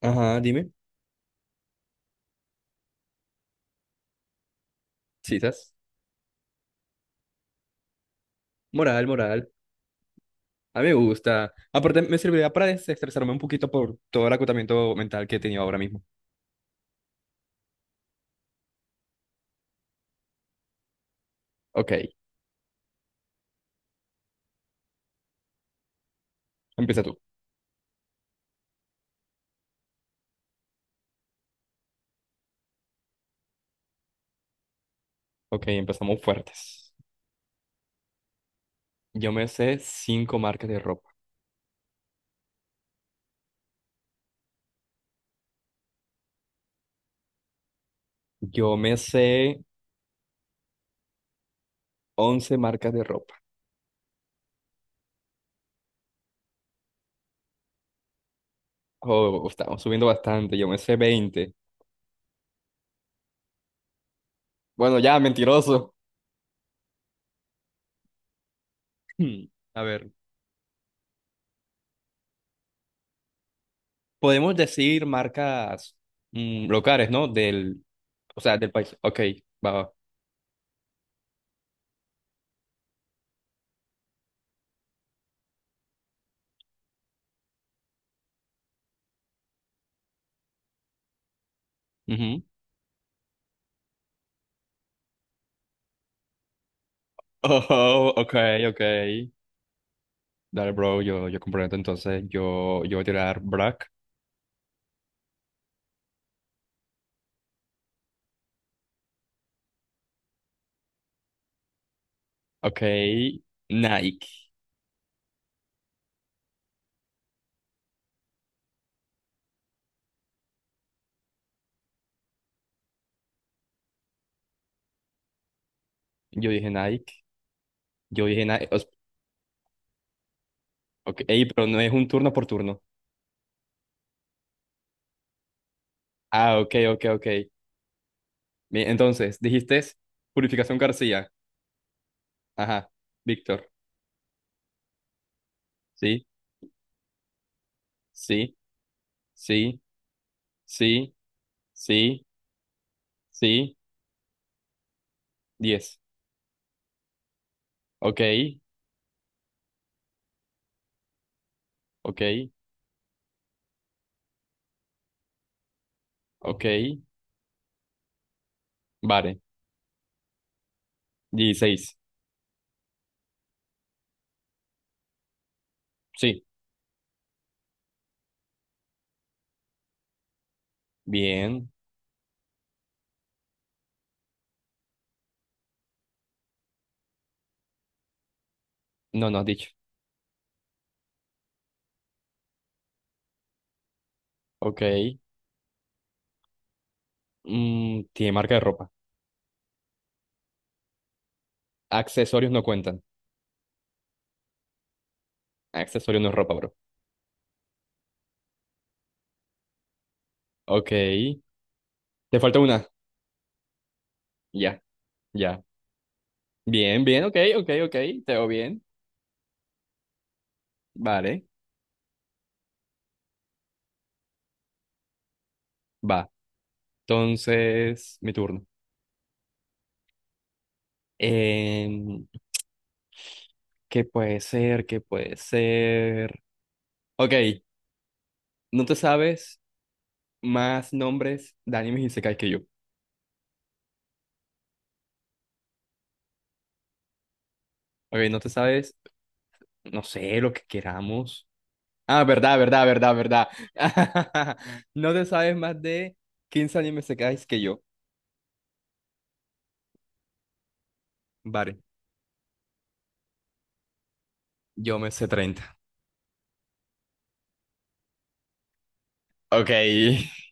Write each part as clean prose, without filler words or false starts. Ajá, dime. Sí, estás. Moral, moral. A mí me gusta. Aparte, me servirá para desestresarme un poquito por todo el acotamiento mental que he tenido ahora mismo. Ok, empieza tú. Ok, empezamos fuertes. Yo me sé cinco marcas de ropa. Yo me sé 11 marcas de ropa. Oh, estamos subiendo bastante. Yo me sé 20. Bueno, ya, mentiroso. Hmm, A ver, podemos decir marcas locales, ¿no? Del, o sea, del país. Ok, va, va. Ujú. Oh, ok, ok. Dale, bro, yo comprometo entonces, yo voy a tirar Brack. Ok, Nike. Yo dije Nike, yo dije Nike. Ok, ey, pero no es un turno por turno. Ah, ok, ok, ok. Bien, entonces, dijiste Purificación García. Ajá, Víctor. Sí, sí, sí, sí, sí, sí. 10. Ok, ok, ok. Vale, 16. Sí, bien. No, no has dicho. Ok. Tiene marca de ropa. Accesorios no cuentan. Accesorio no es ropa, bro. Ok. Te falta una. Ya, ya. Bien, bien, ok, ok, ok. Te veo bien. Vale, va. Entonces, mi turno. Em, ¿qué puede ser? ¿Qué puede ser? Ok, no te sabes más nombres de animes isekai que yo. Ok, no te sabes, no sé, lo que queramos. Ah, verdad, verdad, verdad, verdad. No te sabes más de 15 animes isekais que yo. Vale, yo me sé 30. Ok.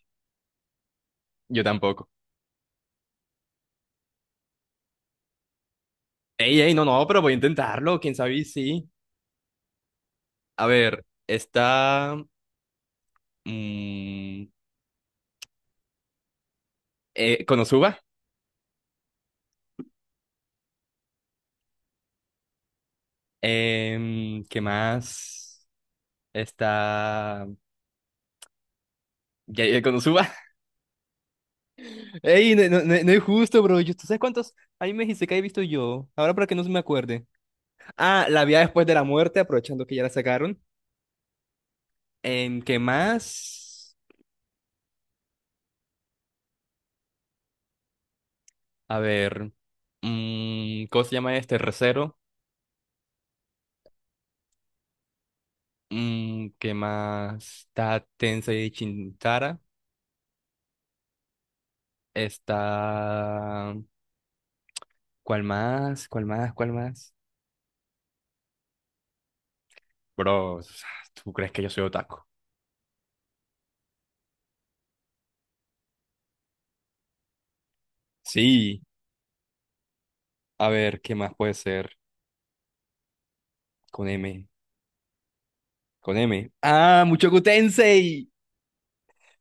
Yo tampoco. Ey, ey, no, no, pero voy a intentarlo, quién sabe y sí. A ver, está mm, Konosuba. ¿Qué más? Está ya, ya, Konosuba. Ey, no, no, no es justo, bro. ¿Tú sabes cuántos animes Isekai he visto yo? Ahora para que no se me acuerde. Ah, La vida después de la muerte, aprovechando que ya la sacaron. ¿Qué más? A ver, ¿cómo se llama este? Recero. ¿Qué más? Está Tensei Chintara. Está. ¿Cuál más? ¿Cuál más? ¿Cuál más? Bro, o sea, ¿tú crees que yo soy otaku? Sí. A ver, ¿qué más puede ser? Con M. Con M. ¡Ah! ¡Muchoku Tensei!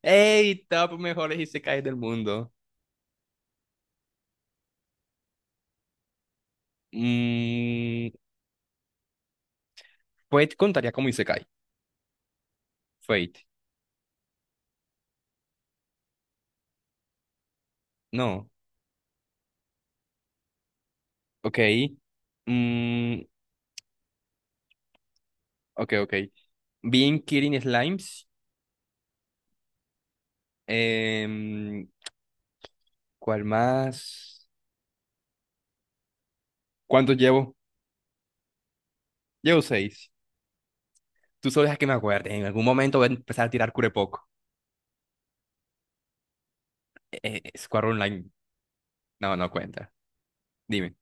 ¡Ey! Top mejores isekais del mundo. Mm, Fate contaría como isekai. Fate. No. Ok. Mm, ok, ok. Being Killing Slimes. em, ¿Cuál más? ¿Cuántos llevo? Llevo seis. Tú solo dejas que me acuerde. En algún momento voy a empezar a tirar curepoco. Square Online. No, no cuenta. Dime.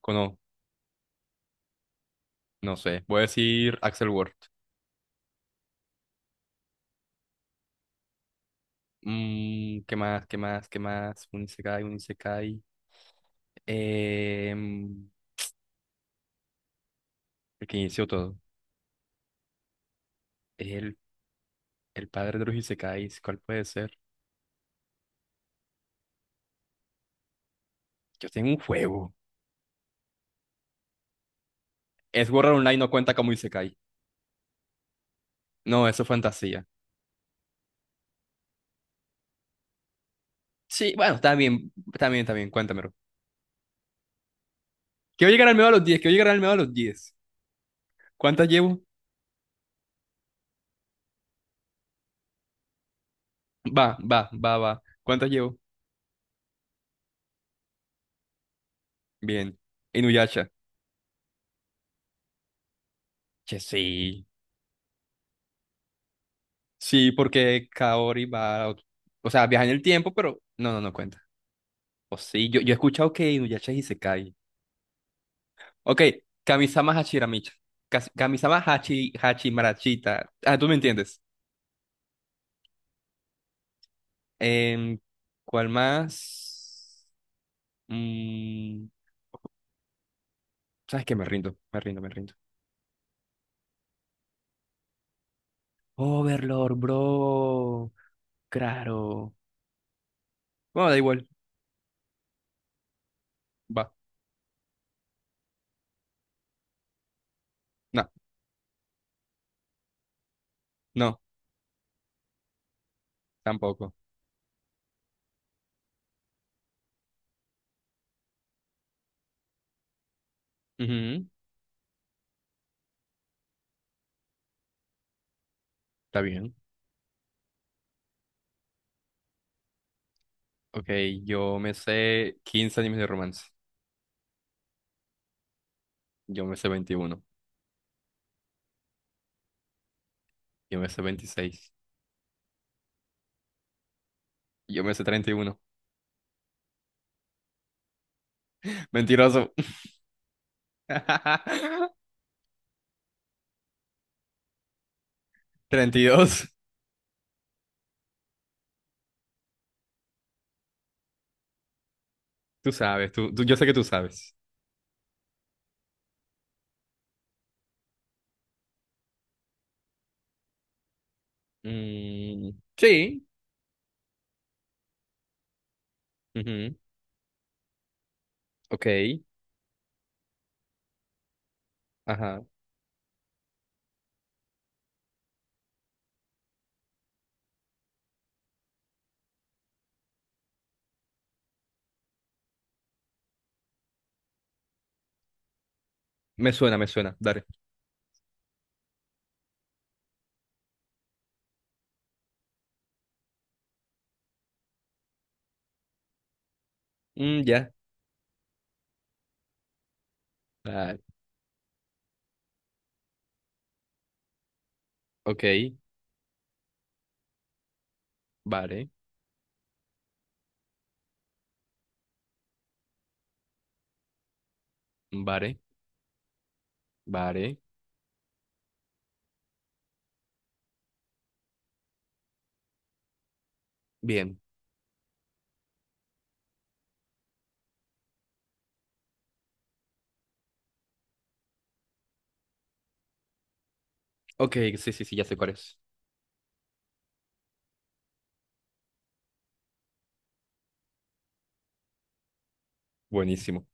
Cono, no, no sé. Voy a decir Axel Word. ¿Qué más? ¿Qué más? ¿Qué más? Un Isekai, un Isekai. Em, el que inició todo. El, el padre de los Isekais. ¿Cuál puede ser? Yo tengo un juego. Sword Art Online no cuenta como Isekai. No, eso es fantasía. Sí, bueno, está bien, está bien, está bien. Cuéntamelo. Quiero llegar al medio a los 10, ¿quiero llegar al medio a los 10? ¿Cuántas llevo? Va, va, va, va. ¿Cuántas llevo? Bien. Inuyasha. Che, sí. Sí, porque Kaori va, o sea, viaja en el tiempo, pero no, no, no cuenta. O sí, yo he escuchado que Inuyasha es Isekai. Ok, Kamisama Hachiramicha. Kamisama Hachi, Hachimarachita. Ah, tú me entiendes. Em, ¿Cuál más? Mm, ¿Sabes qué? Me rindo, me rindo, me rindo. Overlord, bro. Claro. Bueno, da igual. Va. No, no, tampoco. Ujú, está bien. Ok, yo me sé 15 animes de romance. Yo me sé 21. Yo me sé 26. Yo me sé 31. Mentiroso. 32. Tú sabes, yo sé que tú sabes. Mm, sí. Ujú, ok, ajá. Me suena, me suena. Dale. Mm, ya. Dale. Ok, vale, vale, vale. Bien. Ok, sí, sí, sí, ya sé cuál es. Buenísimo.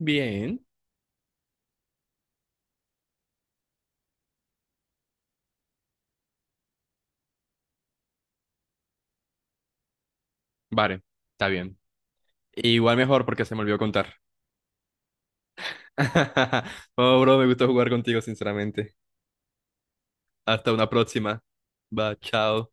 Bien. Vale, está bien. Igual mejor porque se me olvidó contar. Oh, bro, me gustó jugar contigo, sinceramente. Hasta una próxima. Va, chao.